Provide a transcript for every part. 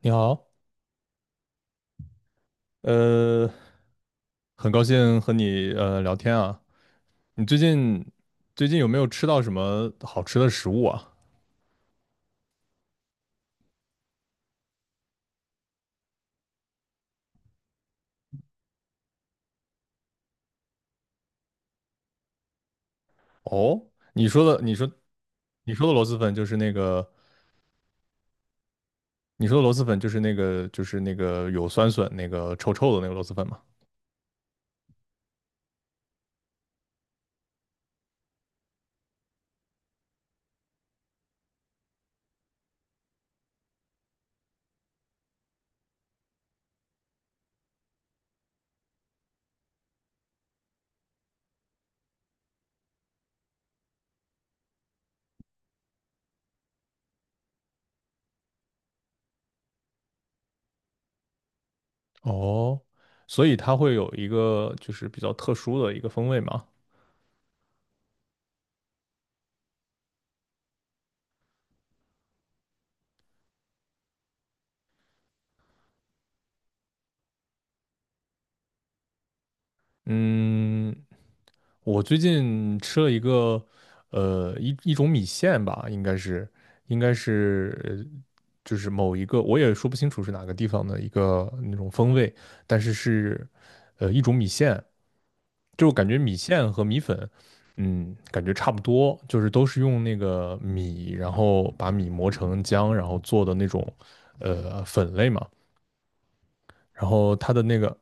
你好，呃，很高兴和你聊天啊。你最近有没有吃到什么好吃的食物啊？哦，你说的螺蛳粉就是那个你说的螺蛳粉就是那个有酸笋那个臭臭的那个螺蛳粉嘛？哦，所以它会有一个就是比较特殊的一个风味嘛？嗯，我最近吃了一个，一种米线吧，应该是，应该是，就是某一个，我也说不清楚是哪个地方的一个那种风味，但是是，一种米线，就感觉米线和米粉，嗯，感觉差不多，就是都是用那个米，然后把米磨成浆，然后做的那种，粉类嘛，然后它的那个，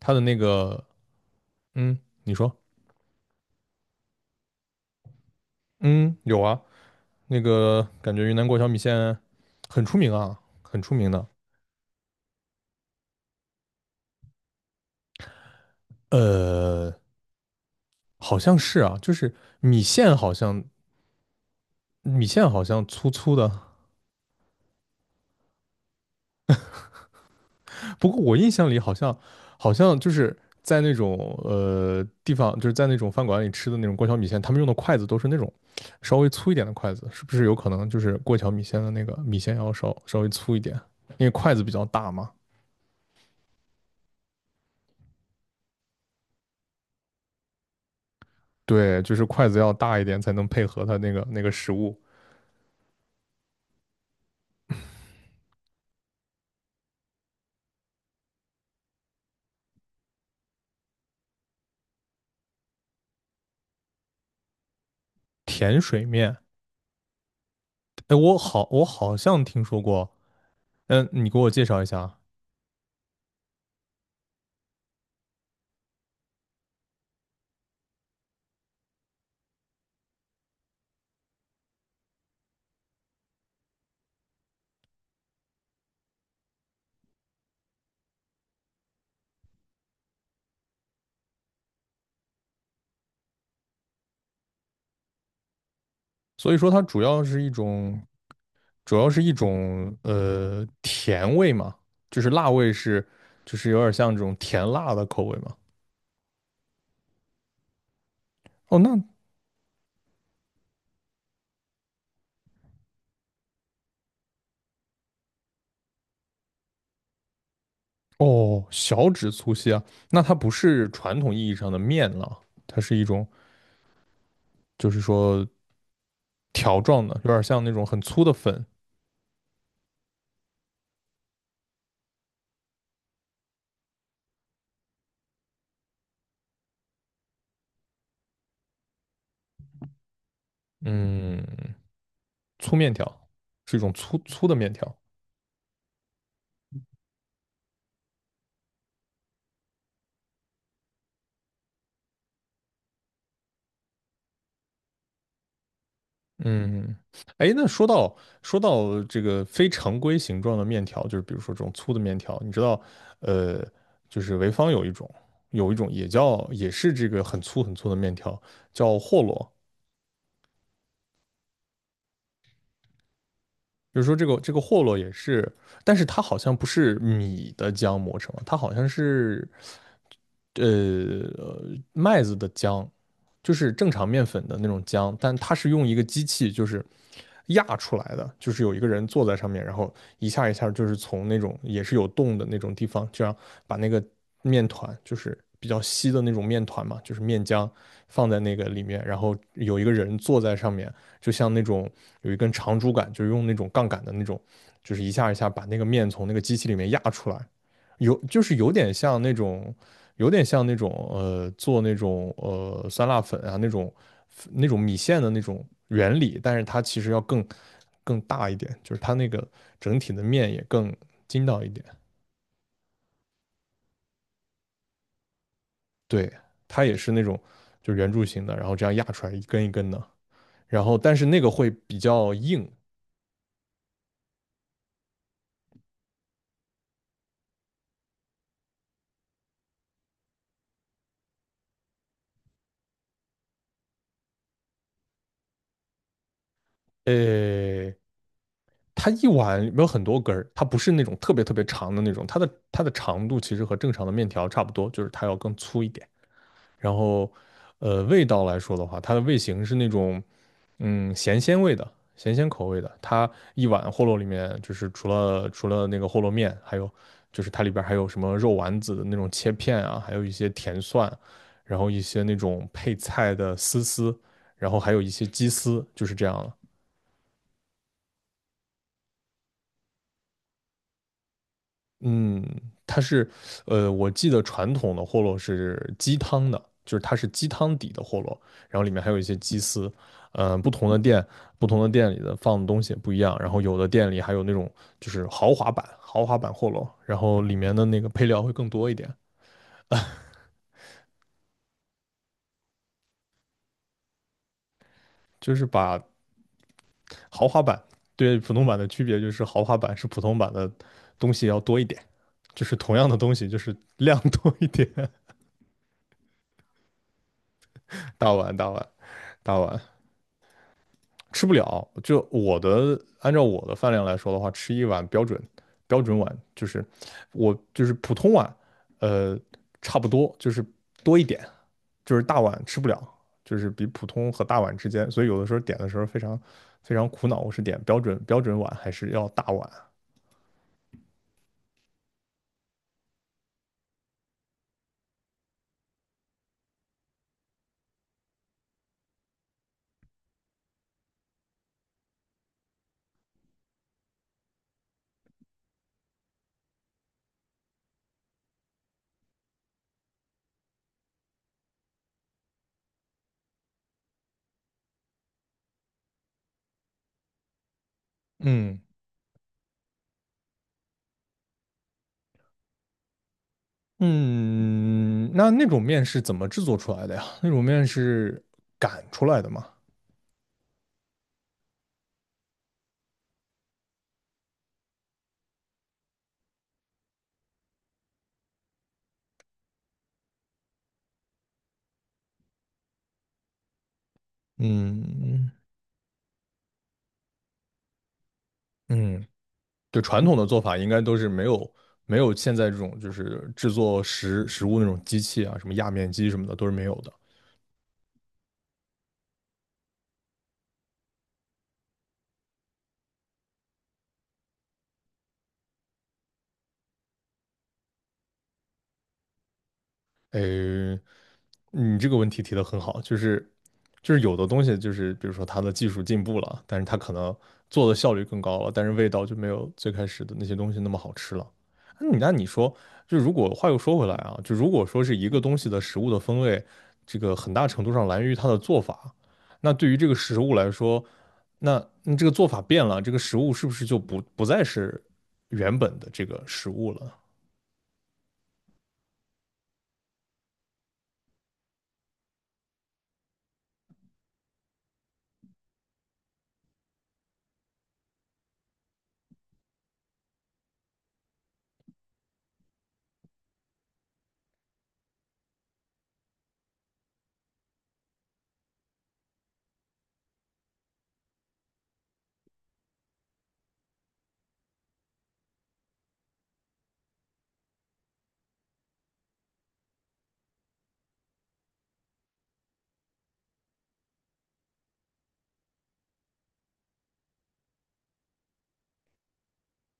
它的那个，嗯，你说，嗯，有啊。那个感觉云南过桥米线很出名啊，很出名的。呃，好像是啊，就是米线好像米线好像粗粗的，不过我印象里好像好像就是在那种地方，就是在那种饭馆里吃的那种过桥米线，他们用的筷子都是那种稍微粗一点的筷子，是不是有可能就是过桥米线的那个米线要稍微粗一点，因为筷子比较大嘛？对，就是筷子要大一点才能配合它那个食物。甜水面，我好像听说过，嗯，你给我介绍一下啊。所以说它主要是一种，主要是一种甜味嘛，就是辣味是，就是有点像这种甜辣的口味嘛。哦，那，哦，小指粗细啊，那它不是传统意义上的面了，它是一种就是说条状的，有点像那种很粗的粉，嗯，粗面条，是一种粗粗的面条。嗯，哎，那说到这个非常规形状的面条，就是比如说这种粗的面条，你知道，呃，就是潍坊有一种，有一种也叫也是这个很粗很粗的面条，叫霍洛。就是说这个霍洛也是，但是它好像不是米的浆磨成的，它好像是麦子的浆，就是正常面粉的那种浆，但它是用一个机器就是压出来的，就是有一个人坐在上面，然后一下一下就是从那种也是有洞的那种地方，这样把那个面团就是比较稀的那种面团嘛，就是面浆放在那个里面，然后有一个人坐在上面，就像那种有一根长竹竿，就是用那种杠杆的那种，就是一下一下把那个面从那个机器里面压出来。有就是有点像那种，有点像那种做那种酸辣粉啊那种那种米线的那种原理，但是它其实要更大一点，就是它那个整体的面也更筋道一点。对，它也是那种就是圆柱形的，然后这样压出来一根一根的，然后但是那个会比较硬，呃。它一碗里面有很多根儿，它不是那种特别特别长的那种，它的长度其实和正常的面条差不多，就是它要更粗一点。然后，味道来说的话，它的味型是那种，嗯，咸鲜味的，咸鲜口味的。它一碗饸饹里面，就是除了那个饸饹面，还有就是它里边儿还有什么肉丸子的那种切片啊，还有一些甜蒜，然后一些那种配菜的丝丝，然后还有一些鸡丝，就是这样了。嗯，它是，我记得传统的货饹是鸡汤的，就是它是鸡汤底的货饹，然后里面还有一些鸡丝，呃，不同的店，不同的店里的放的东西也不一样，然后有的店里还有那种就是豪华版，豪华版货饹，然后里面的那个配料会更多一点，就是把豪华版对普通版的区别就是豪华版是普通版的东西要多一点，就是同样的东西就是量多一点，大碗大碗大碗，吃不了。就我的，按照我的饭量来说的话，吃一碗标准标准碗，就是我就是普通碗，呃，差不多就是多一点，就是大碗吃不了，就是比普通和大碗之间。所以有的时候点的时候非常苦恼，我是点标准碗还是要大碗？嗯嗯，那那种面是怎么制作出来的呀？那种面是擀出来的吗？嗯嗯，嗯，对传统的做法，应该都是没有现在这种就是制作食物那种机器啊，什么压面机什么的都是没有的。诶，你这个问题提得很好，就是有的东西就是比如说它的技术进步了，但是它可能做的效率更高了，但是味道就没有最开始的那些东西那么好吃了。那你说，就如果话又说回来啊，就如果说是一个东西的食物的风味，这个很大程度上来源于它的做法。那对于这个食物来说，那你这个做法变了，这个食物是不是就不再是原本的这个食物了？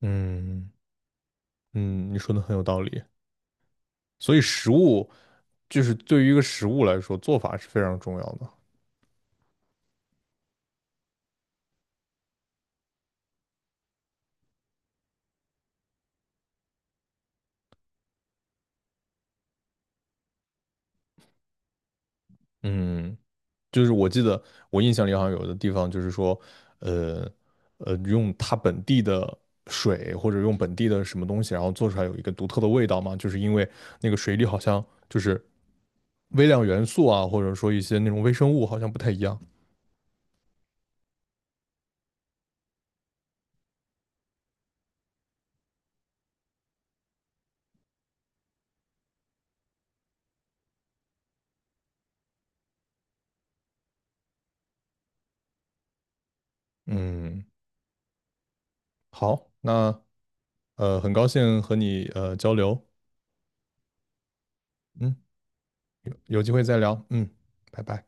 嗯嗯，你说的很有道理。所以食物就是对于一个食物来说，做法是非常重要的。嗯，就是我记得我印象里好像有的地方就是说，呃用它本地的水或者用本地的什么东西，然后做出来有一个独特的味道嘛，就是因为那个水里好像就是微量元素啊，或者说一些那种微生物好像不太一样。嗯，好，那很高兴和你交流，嗯，有机会再聊，嗯，拜拜。